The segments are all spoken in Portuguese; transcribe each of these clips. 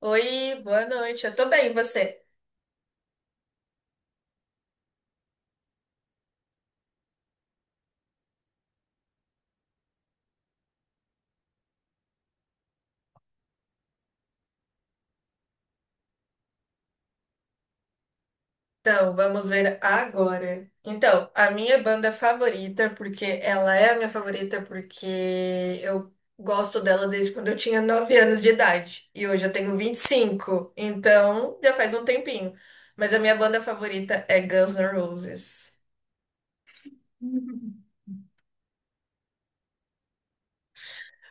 Oi, boa noite. Eu tô bem, e você? Então, vamos ver agora. Então, a minha banda favorita, porque ela é a minha favorita, porque eu gosto dela desde quando eu tinha 9 anos de idade. E hoje eu tenho 25. Então já faz um tempinho. Mas a minha banda favorita é Guns N' Roses.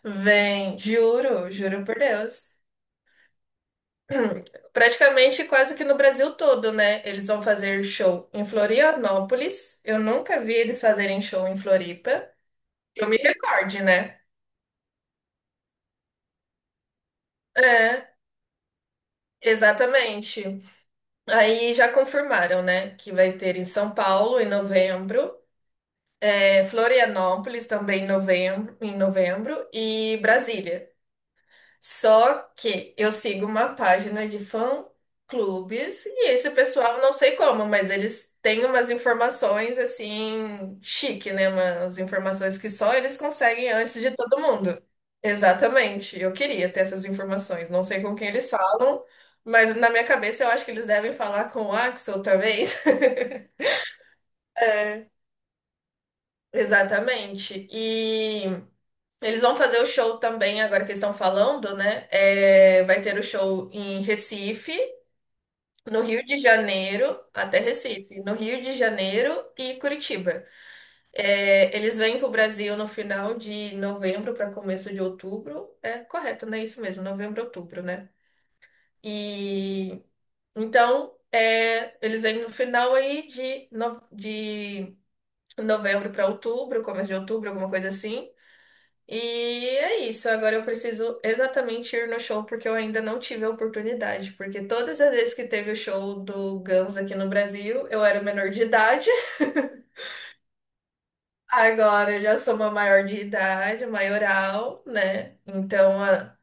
Vem, juro, juro por Deus. Praticamente quase que no Brasil todo, né? Eles vão fazer show em Florianópolis. Eu nunca vi eles fazerem show em Floripa. Que eu me recorde, né? É, exatamente. Aí já confirmaram, né? Que vai ter em São Paulo em novembro, é, Florianópolis também em novembro e Brasília. Só que eu sigo uma página de fã-clubes e esse pessoal, não sei como, mas eles têm umas informações assim, chique, né? Umas informações que só eles conseguem antes de todo mundo. Exatamente. Eu queria ter essas informações. Não sei com quem eles falam, mas na minha cabeça eu acho que eles devem falar com o Axel, talvez. Exatamente. E eles vão fazer o show também, agora que eles estão falando, né? É, vai ter o show em Recife, no Rio de Janeiro até Recife, no Rio de Janeiro e Curitiba. É, eles vêm para o Brasil no final de novembro para começo de outubro, é correto, né? Isso mesmo, novembro, outubro, né? E então é, eles vêm no final aí de, de novembro para outubro, começo de outubro, alguma coisa assim. E é isso, agora eu preciso exatamente ir no show porque eu ainda não tive a oportunidade, porque todas as vezes que teve o show do Guns aqui no Brasil, eu era menor de idade. Agora eu já sou uma maior de idade, maioral, né? Então a,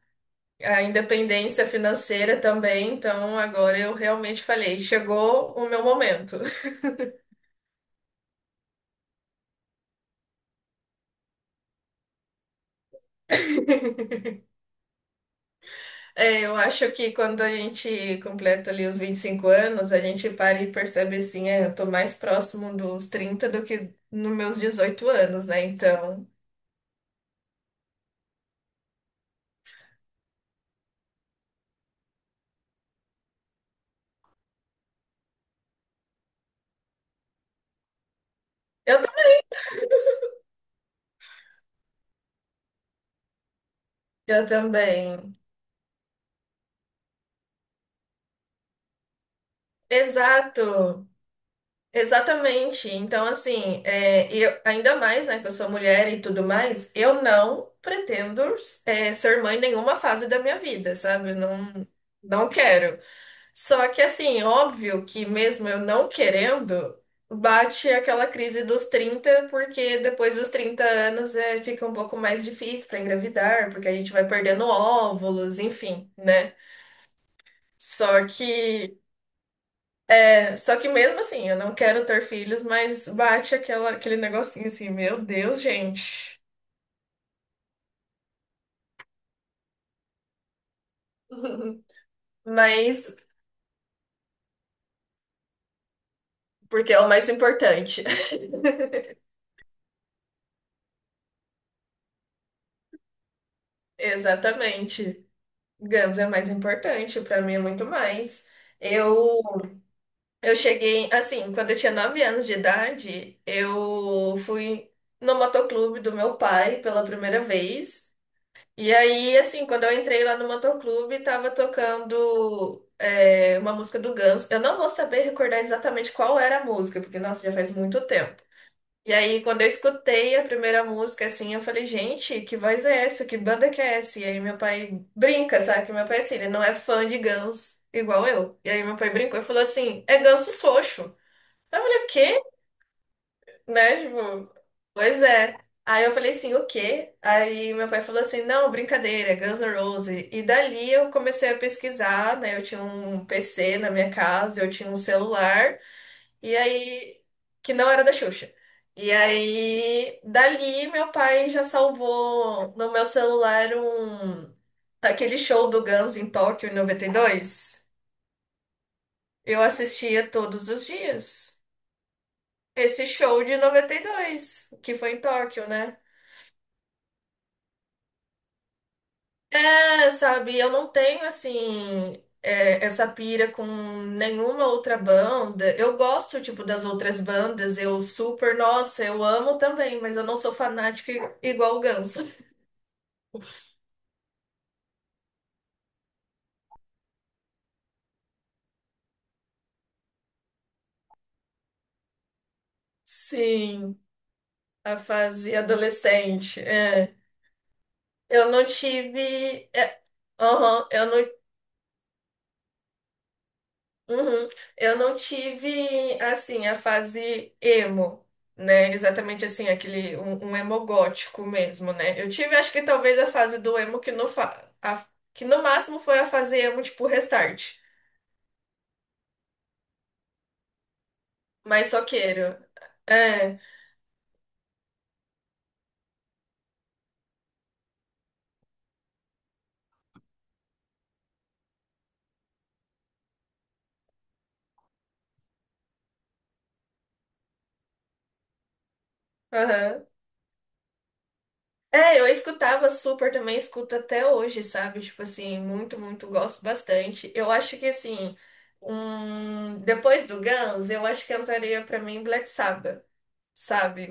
a independência financeira também, então agora eu realmente falei, chegou o meu momento. É, eu acho que quando a gente completa ali os 25 anos, a gente para e percebe assim, é, eu tô mais próximo dos 30 do que nos meus 18 anos, né? Então, eu, tam- eu também. Exato, exatamente. Então, assim, é, e eu, ainda mais, né, que eu sou mulher e tudo mais, eu não pretendo, é, ser mãe em nenhuma fase da minha vida, sabe? Não, não quero. Só que assim, óbvio que mesmo eu não querendo, bate aquela crise dos 30 porque depois dos 30 anos é, fica um pouco mais difícil para engravidar, porque a gente vai perdendo óvulos, enfim, né? Só que, só que mesmo assim, eu não quero ter filhos, mas bate aquela, aquele negocinho assim, meu Deus, gente. Mas, porque é o mais importante. Exatamente. Guns é mais importante, para mim é muito mais. Eu Eu cheguei, assim, quando eu tinha 9 anos de idade, eu fui no motoclube do meu pai pela primeira vez. E aí, assim, quando eu entrei lá no motoclube, tava tocando é, uma música do Guns. Eu não vou saber recordar exatamente qual era a música, porque, nossa, já faz muito tempo. E aí, quando eu escutei a primeira música, assim, eu falei, gente, que voz é essa? Que banda que é essa? E aí, meu pai brinca, sabe? Que meu pai, assim, ele não é fã de Guns igual eu. E aí, meu pai brincou e falou assim: é Ganso Xoxo. Aí eu falei, o quê? Né? Tipo, pois é. Aí eu falei assim, o quê? Aí meu pai falou assim, não, brincadeira, é Guns N' Roses. E dali eu comecei a pesquisar, né? Eu tinha um PC na minha casa, eu tinha um celular, e aí, que não era da Xuxa. E aí, dali meu pai já salvou no meu celular aquele show do Guns em Tóquio em 92. Eu assistia todos os dias. Esse show de noventa e dois que foi em Tóquio, né? É, sabe, eu não tenho, assim, é, essa pira com nenhuma outra banda. Eu gosto, tipo, das outras bandas, eu super, nossa, eu amo também, mas eu não sou fanática igual o Guns. Sim, a fase adolescente, é. Eu não tive. É, aham, eu não. Uhum. Eu não tive, assim, a fase emo, né? Exatamente assim, aquele, um emo gótico mesmo, né? Eu tive, acho que talvez a fase do emo que no, que no máximo foi a fase emo, tipo, restart. Mas soqueiro. É, aham. É, eu escutava super também, escuto até hoje, sabe? Tipo assim, muito, muito, gosto bastante. Eu acho que, assim, depois do Guns, eu acho que entraria pra mim Black Sabbath, sabe?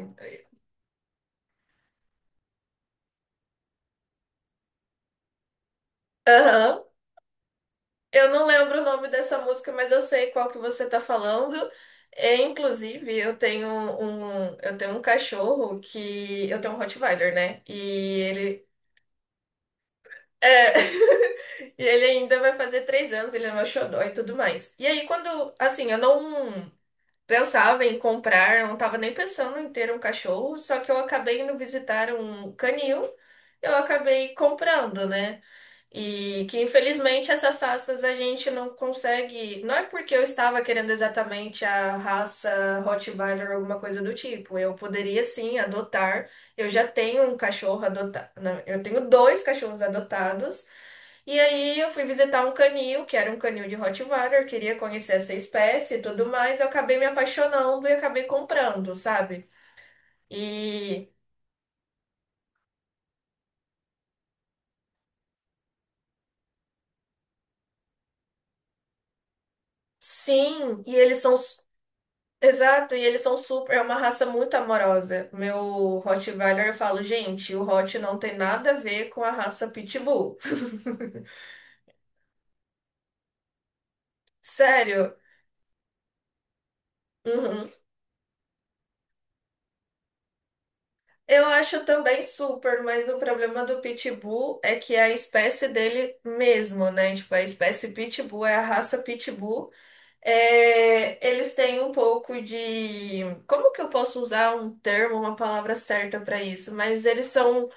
Aham. Eu não lembro o nome dessa música, mas eu sei qual que você tá falando. É, inclusive, eu tenho um cachorro que eu tenho um Rottweiler, né? E ele é, e ele ainda vai fazer 3 anos, ele é meu xodó e tudo mais. E aí, quando, assim, eu não pensava em comprar, eu não tava nem pensando em ter um cachorro, só que eu acabei indo visitar um canil, eu acabei comprando, né? E que infelizmente essas raças a gente não consegue. Não é porque eu estava querendo exatamente a raça Rottweiler ou alguma coisa do tipo. Eu poderia sim adotar. Eu já tenho um cachorro adotado. Eu tenho dois cachorros adotados. E aí eu fui visitar um canil, que era um canil de Rottweiler, queria conhecer essa espécie e tudo mais. Eu acabei me apaixonando e acabei comprando, sabe? E sim, e eles são. Exato, e eles são super, é uma raça muito amorosa. Meu Rottweiler, eu falo, gente, o Hot não tem nada a ver com a raça Pitbull. Sério. Uhum. Eu acho também super, mas o problema do Pitbull é que é a espécie dele mesmo, né? Tipo, a espécie Pitbull é a raça Pitbull. É, eles têm um pouco de. Como que eu posso usar um termo, uma palavra certa para isso? Mas eles são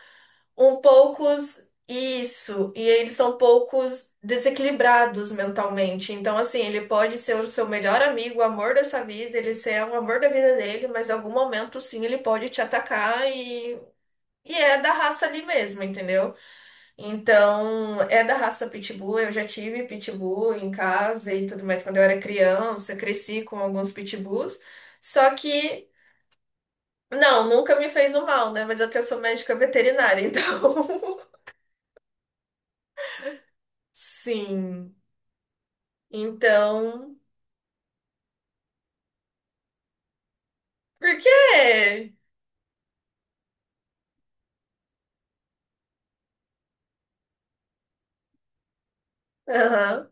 um poucos isso, e eles são poucos desequilibrados mentalmente. Então, assim, ele pode ser o seu melhor amigo, o amor da sua vida, ele ser o amor da vida dele, mas em algum momento, sim, ele pode te atacar e, é da raça ali mesmo, entendeu? Então, é da raça Pitbull. Eu já tive Pitbull em casa e tudo mais quando eu era criança, cresci com alguns Pitbulls, só que. Não, nunca me fez o mal, né? Mas é que eu sou médica veterinária, então Sim. Então, por quê? Aham,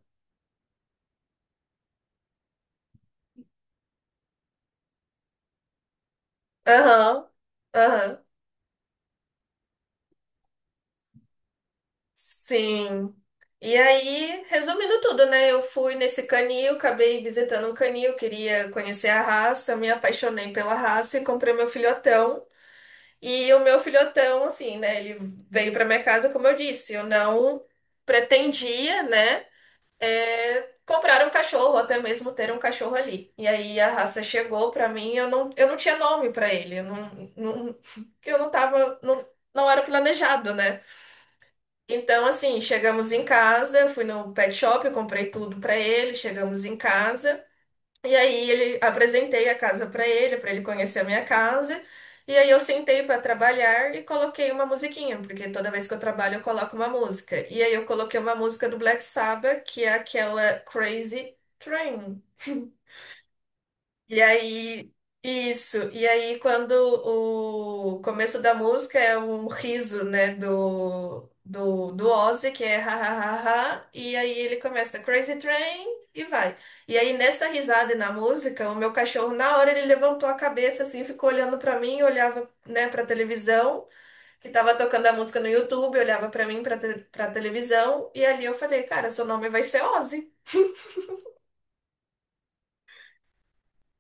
aham, aham. Sim. E aí, resumindo tudo, né? Eu fui nesse canil, acabei visitando um canil, queria conhecer a raça, me apaixonei pela raça e comprei meu filhotão. E o meu filhotão, assim, né? Ele veio para minha casa, como eu disse, eu não pretendia, né? É, comprar um cachorro, até mesmo ter um cachorro ali. E aí a raça chegou pra mim, eu não tinha nome pra ele, eu não, não, eu não tava, não, não era planejado, né? Então, assim, chegamos em casa, eu fui no pet shop, eu comprei tudo pra ele, chegamos em casa. E aí ele apresentei a casa para ele conhecer a minha casa. E aí eu sentei para trabalhar e coloquei uma musiquinha, porque toda vez que eu trabalho eu coloco uma música. E aí eu coloquei uma música do Black Sabbath, que é aquela Crazy Train. E aí, isso. E aí, quando o começo da música é um riso, né, do Ozzy, que é ha, ha, ha, ha, e aí ele começa Crazy Train e vai. E aí, nessa risada e na música, o meu cachorro, na hora, ele levantou a cabeça, assim, ficou olhando pra mim, olhava, né, pra televisão, que tava tocando a música no YouTube, olhava pra mim, pra televisão, e ali eu falei, cara, seu nome vai ser Ozzy.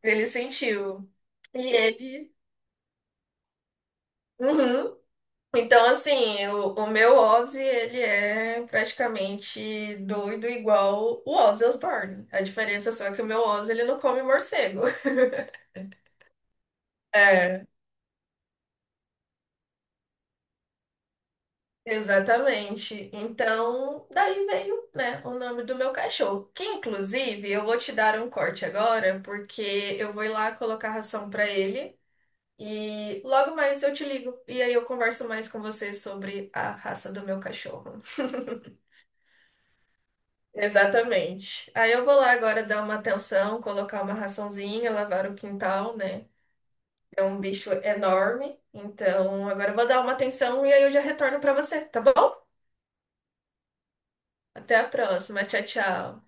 Ele sentiu. E ele. Uhum. Então, assim, o meu Ozzy, ele é praticamente doido igual o Ozzy Osbourne. A diferença só é que o meu Ozzy, ele não come morcego. É, exatamente. Então, daí veio, né, o nome do meu cachorro. Que, inclusive, eu vou te dar um corte agora, porque eu vou ir lá colocar ração pra ele. E logo mais eu te ligo. E aí eu converso mais com você sobre a raça do meu cachorro. Exatamente. Aí eu vou lá agora dar uma atenção, colocar uma raçãozinha, lavar o quintal, né? É um bicho enorme. Então agora eu vou dar uma atenção e aí eu já retorno para você, tá bom? Até a próxima. Tchau, tchau.